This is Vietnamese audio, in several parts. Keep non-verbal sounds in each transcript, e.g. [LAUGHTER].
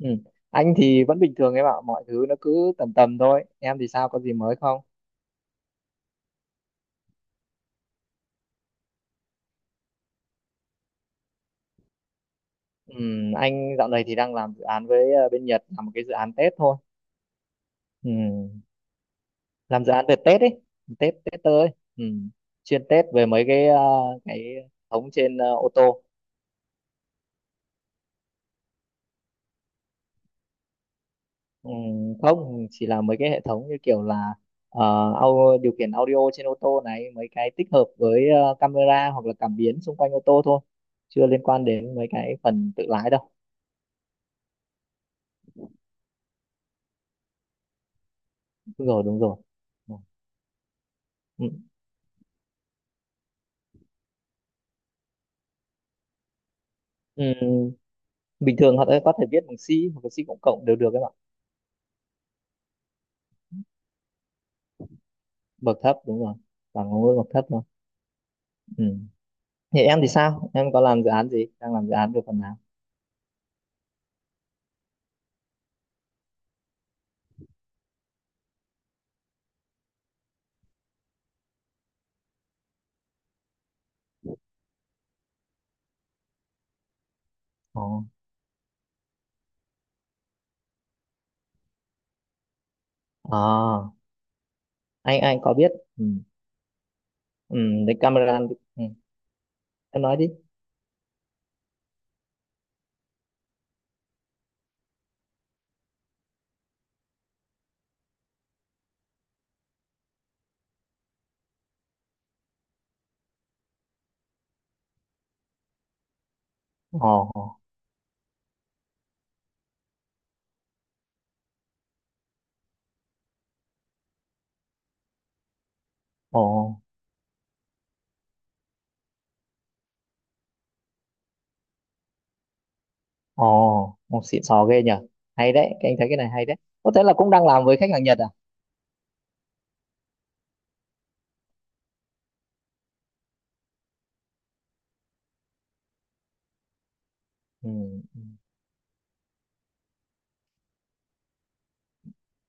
Ừ. Anh thì vẫn bình thường em ạ, mọi thứ nó cứ tầm tầm thôi. Em thì sao, có gì mới không? Ừ, anh dạo này thì đang làm dự án với bên Nhật, làm một cái dự án Tết thôi. Ừ. Làm dự án về Tết ấy, Tết Tết tới. Ừ. Chuyên Tết về mấy cái hệ thống trên ô tô. Ừ. Không, chỉ là mấy cái hệ thống như kiểu là ờ, điều khiển audio trên ô tô này, mấy cái tích hợp với camera hoặc là cảm biến xung quanh ô tô thôi. Chưa liên quan đến mấy cái phần tự lái đâu. Đúng rồi, đúng rồi. Ừ. Ừ. Ừ. Bình thường họ có thể viết bằng C hoặc là C cộng cộng đều được các bạn bậc thấp, đúng rồi, bằng ngôn ngữ bậc thấp thôi. Ừ. Thì em thì sao, em có làm dự án gì, đang làm dự án về phần nào? Ồ. À, anh có biết. Ừ. Ừ. Đấy camera. Ừ. Em nói đi. Ồ, ồ, ồ, một xịn sò ghê nhở. Hay đấy, cái anh thấy cái này hay đấy, có thể là cũng đang làm với khách hàng Nhật à? Ừ. Ừ,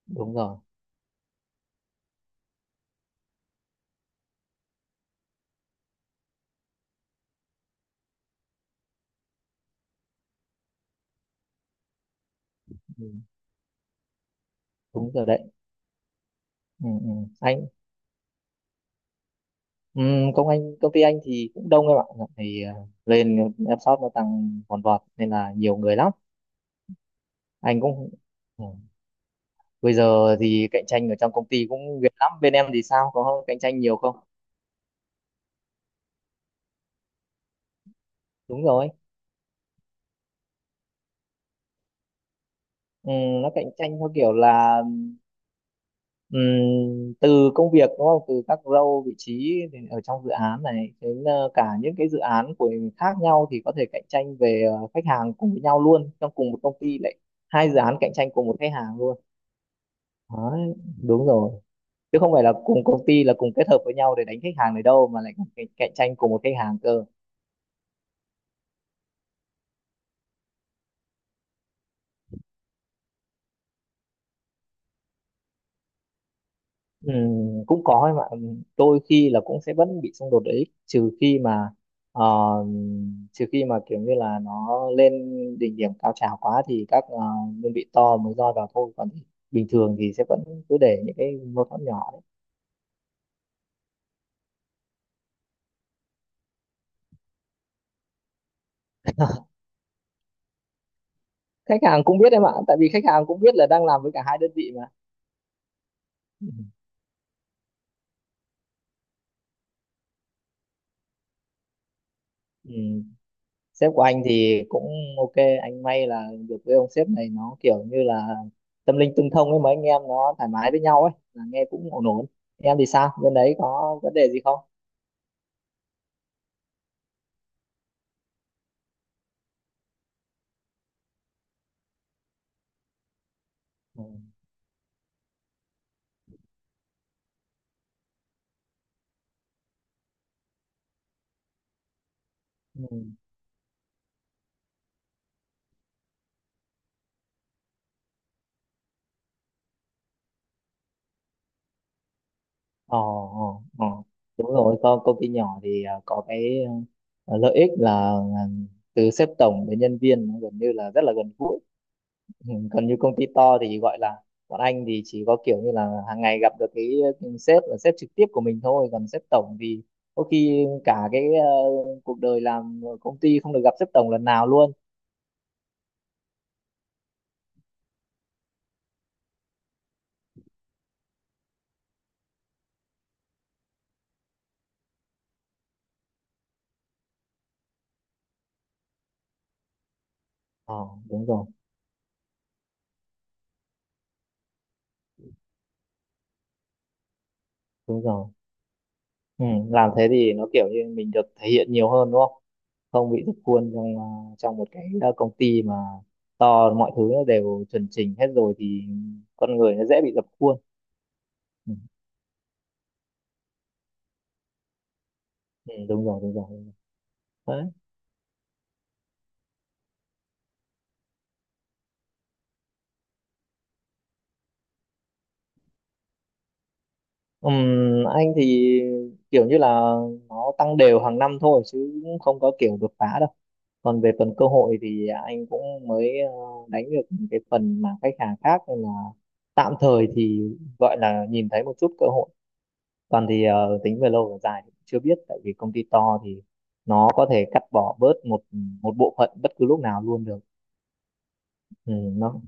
đúng rồi. Ừ. Đúng rồi đấy. Ừ. Ừ. Anh. Ừ, công ty anh thì cũng đông em ạ, thì lên em shop nó tăng vòn vọt nên là nhiều người lắm. Anh cũng. Ừ. Bây giờ thì cạnh tranh ở trong công ty cũng ghê lắm, bên em thì sao, có cạnh tranh nhiều không? Đúng rồi. ừ, nó cạnh tranh theo kiểu là ừ, từ công việc đúng không, từ các role vị trí thì ở trong dự án này, đến cả những cái dự án của khác nhau thì có thể cạnh tranh về khách hàng cùng với nhau luôn, trong cùng một công ty lại hai dự án cạnh tranh cùng một khách hàng luôn. Đấy, đúng rồi, chứ không phải là cùng công ty là cùng kết hợp với nhau để đánh khách hàng này đâu, mà lại còn cạnh cạnh tranh cùng một khách hàng cơ. Cũng có ấy mà. Đôi khi là cũng sẽ vẫn bị xung đột lợi ích, ờ, trừ khi mà kiểu như là nó lên đỉnh điểm cao trào quá thì các đơn vị to mới roi vào thôi, còn bình thường thì sẽ vẫn cứ để những cái mâu thuẫn nhỏ đấy. [LAUGHS] Khách hàng cũng biết em ạ, tại vì khách hàng cũng biết là đang làm với cả hai đơn vị mà. Ừ. Ừ. Sếp của anh thì cũng ok, anh may là được với ông sếp này, nó kiểu như là tâm linh tương thông ấy, mấy anh em nó thoải mái với nhau ấy, là nghe cũng ổn ổn. Em thì sao, bên đấy có vấn đề gì không? Ừ. Ừ. Ờ, ờ, ờ. Đúng rồi, công ty nhỏ thì có cái lợi ích là à, từ sếp tổng đến nhân viên nó gần như là rất là gần gũi. Ừ, còn như công ty to thì gọi là bọn anh thì chỉ có kiểu như là hàng ngày gặp được cái sếp, là sếp trực tiếp của mình thôi, còn sếp tổng thì có khi cả cái cuộc đời làm ở công ty không được gặp sếp tổng lần nào luôn. ờ Đúng rồi, đúng rồi. Ừ, làm thế thì nó kiểu như mình được thể hiện nhiều hơn đúng không, không bị rút khuôn trong một cái công ty mà to, mọi thứ nó đều chuẩn chỉnh hết rồi thì con người nó dễ bị dập khuôn. Ừ, ừ, đúng rồi, đúng rồi, đúng rồi. Ừm, anh thì kiểu như là nó tăng đều hàng năm thôi, chứ cũng không có kiểu đột phá đâu. Còn về phần cơ hội thì anh cũng mới đánh được cái phần mà khách hàng khác, nên là tạm thời thì gọi là nhìn thấy một chút cơ hội. Còn thì tính về lâu về dài thì chưa biết, tại vì công ty to thì nó có thể cắt bỏ bớt một một bộ phận bất cứ lúc nào luôn được. Ừ, nó.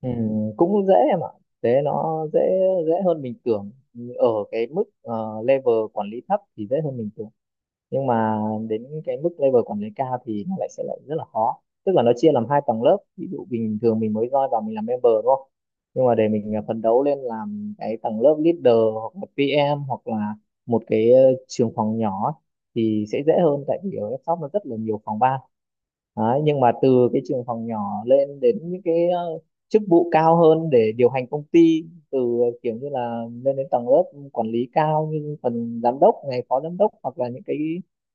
Ừ, cũng dễ em ạ, thế nó dễ dễ hơn mình tưởng, ở cái mức level quản lý thấp thì dễ hơn mình tưởng, nhưng mà đến cái mức level quản lý cao thì nó lại sẽ lại rất là khó, tức là nó chia làm hai tầng lớp, ví dụ bình thường mình mới join vào mình làm member đúng không, nhưng mà để mình phấn đấu lên làm cái tầng lớp leader hoặc là PM hoặc là một cái trường phòng nhỏ ấy, thì sẽ dễ hơn, tại vì ở shop nó rất là nhiều phòng ban. Đấy, nhưng mà từ cái trường phòng nhỏ lên đến những cái chức vụ cao hơn để điều hành công ty, từ kiểu như là lên đến tầng lớp quản lý cao như phần giám đốc này, phó giám đốc, hoặc là những cái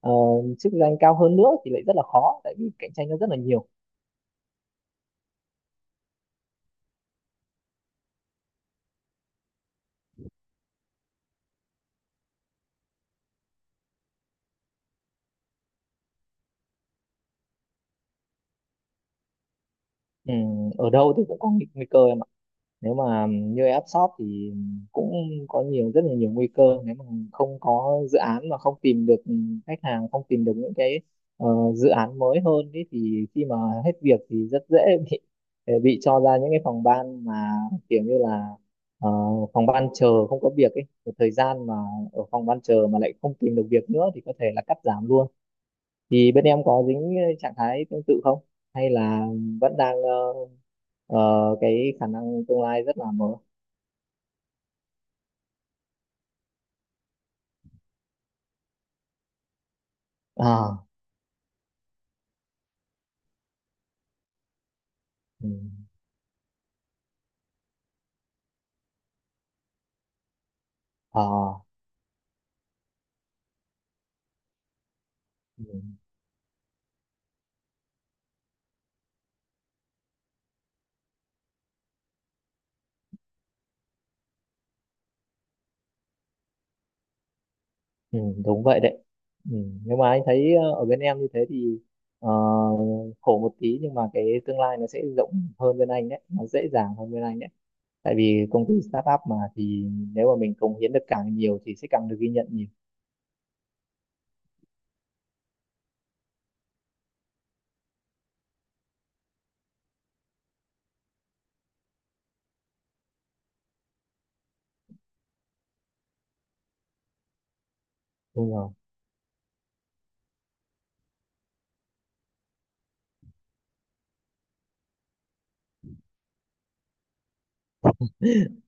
Ờ, chức danh cao hơn nữa thì lại rất là khó, tại vì cạnh tranh nó rất là nhiều. Ở đâu thì cũng có nguy cơ em ạ, nếu mà như app shop thì cũng có nhiều rất là nhiều nguy cơ, nếu mà không có dự án, mà không tìm được khách hàng, không tìm được những cái ờ, dự án mới hơn ý, thì khi mà hết việc thì rất dễ [LAUGHS] bị bị cho ra những cái phòng ban mà kiểu như là ờ, phòng ban chờ không có việc ấy một thời gian, mà ở phòng ban chờ mà lại không tìm được việc nữa thì có thể là cắt giảm luôn. Thì bên em có dính trạng thái tương tự không, hay là vẫn đang cái khả năng tương lai rất là mờ. À, ừ, ờ, ừ, ừ, đúng vậy đấy. Ừ, nhưng mà anh thấy ở bên em như thế thì ờ, khổ một tí nhưng mà cái tương lai nó sẽ rộng hơn bên anh đấy, nó dễ dàng hơn bên anh đấy, tại vì công ty startup mà, thì nếu mà mình cống hiến được càng nhiều thì sẽ càng được ghi nhận nhiều. Đúng rồi.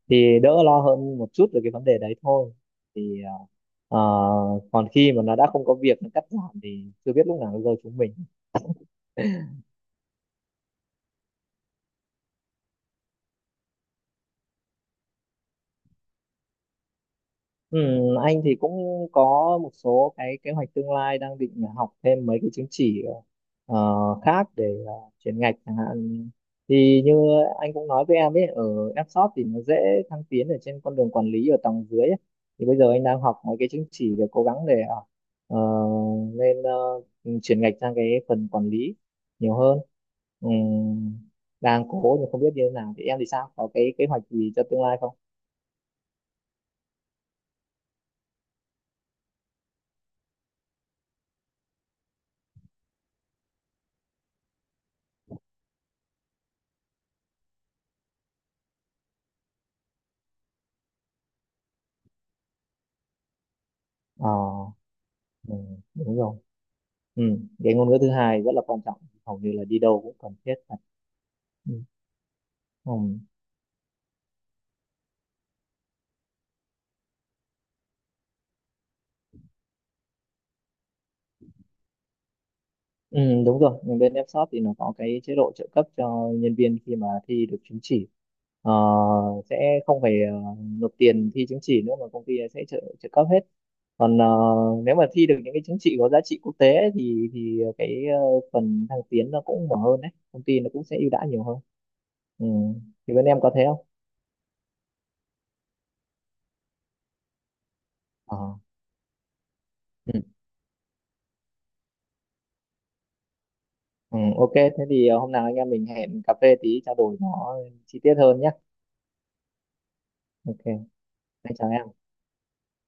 Thì đỡ lo hơn một chút về cái vấn đề đấy thôi, thì ờ, còn khi mà nó đã không có việc nó cắt giảm thì chưa biết lúc nào nó rơi chúng mình. Ừ, anh thì cũng có một số cái kế hoạch tương lai, đang định là học thêm mấy cái chứng chỉ ờ, khác, để chuyển ngạch chẳng hạn, thì như anh cũng nói với em ấy, ở Fshop thì nó dễ thăng tiến ở trên con đường quản lý ở tầng dưới ấy. Thì bây giờ anh đang học mấy cái chứng chỉ để cố gắng để ờ, lên chuyển ngạch sang cái phần quản lý nhiều hơn. Ừ, đang cố nhưng không biết như thế nào, thì em thì sao, có cái kế hoạch gì cho tương lai không? Ờ, ừ, đúng rồi. Ừ. Cái ngôn ngữ thứ hai rất là quan trọng, hầu như là đi đâu cũng cần thiết cả. Ừ. Ừ. Ừ, đúng rồi, nhưng bên Fshop thì nó có cái chế độ trợ cấp cho nhân viên khi mà thi được chứng chỉ, Ờ, sẽ không phải nộp tiền thi chứng chỉ nữa mà công ty sẽ trợ trợ cấp hết, còn nếu mà thi được những cái chứng chỉ có giá trị quốc tế ấy, thì cái phần thăng tiến nó cũng mở hơn đấy, công ty nó cũng sẽ ưu đãi nhiều hơn. Ừ. Thì bên em có thế không? Ờ. Ừ, ok, thế thì hôm nào anh em mình hẹn cà phê tí trao đổi nó chi tiết hơn nhé. Ok, anh chào em.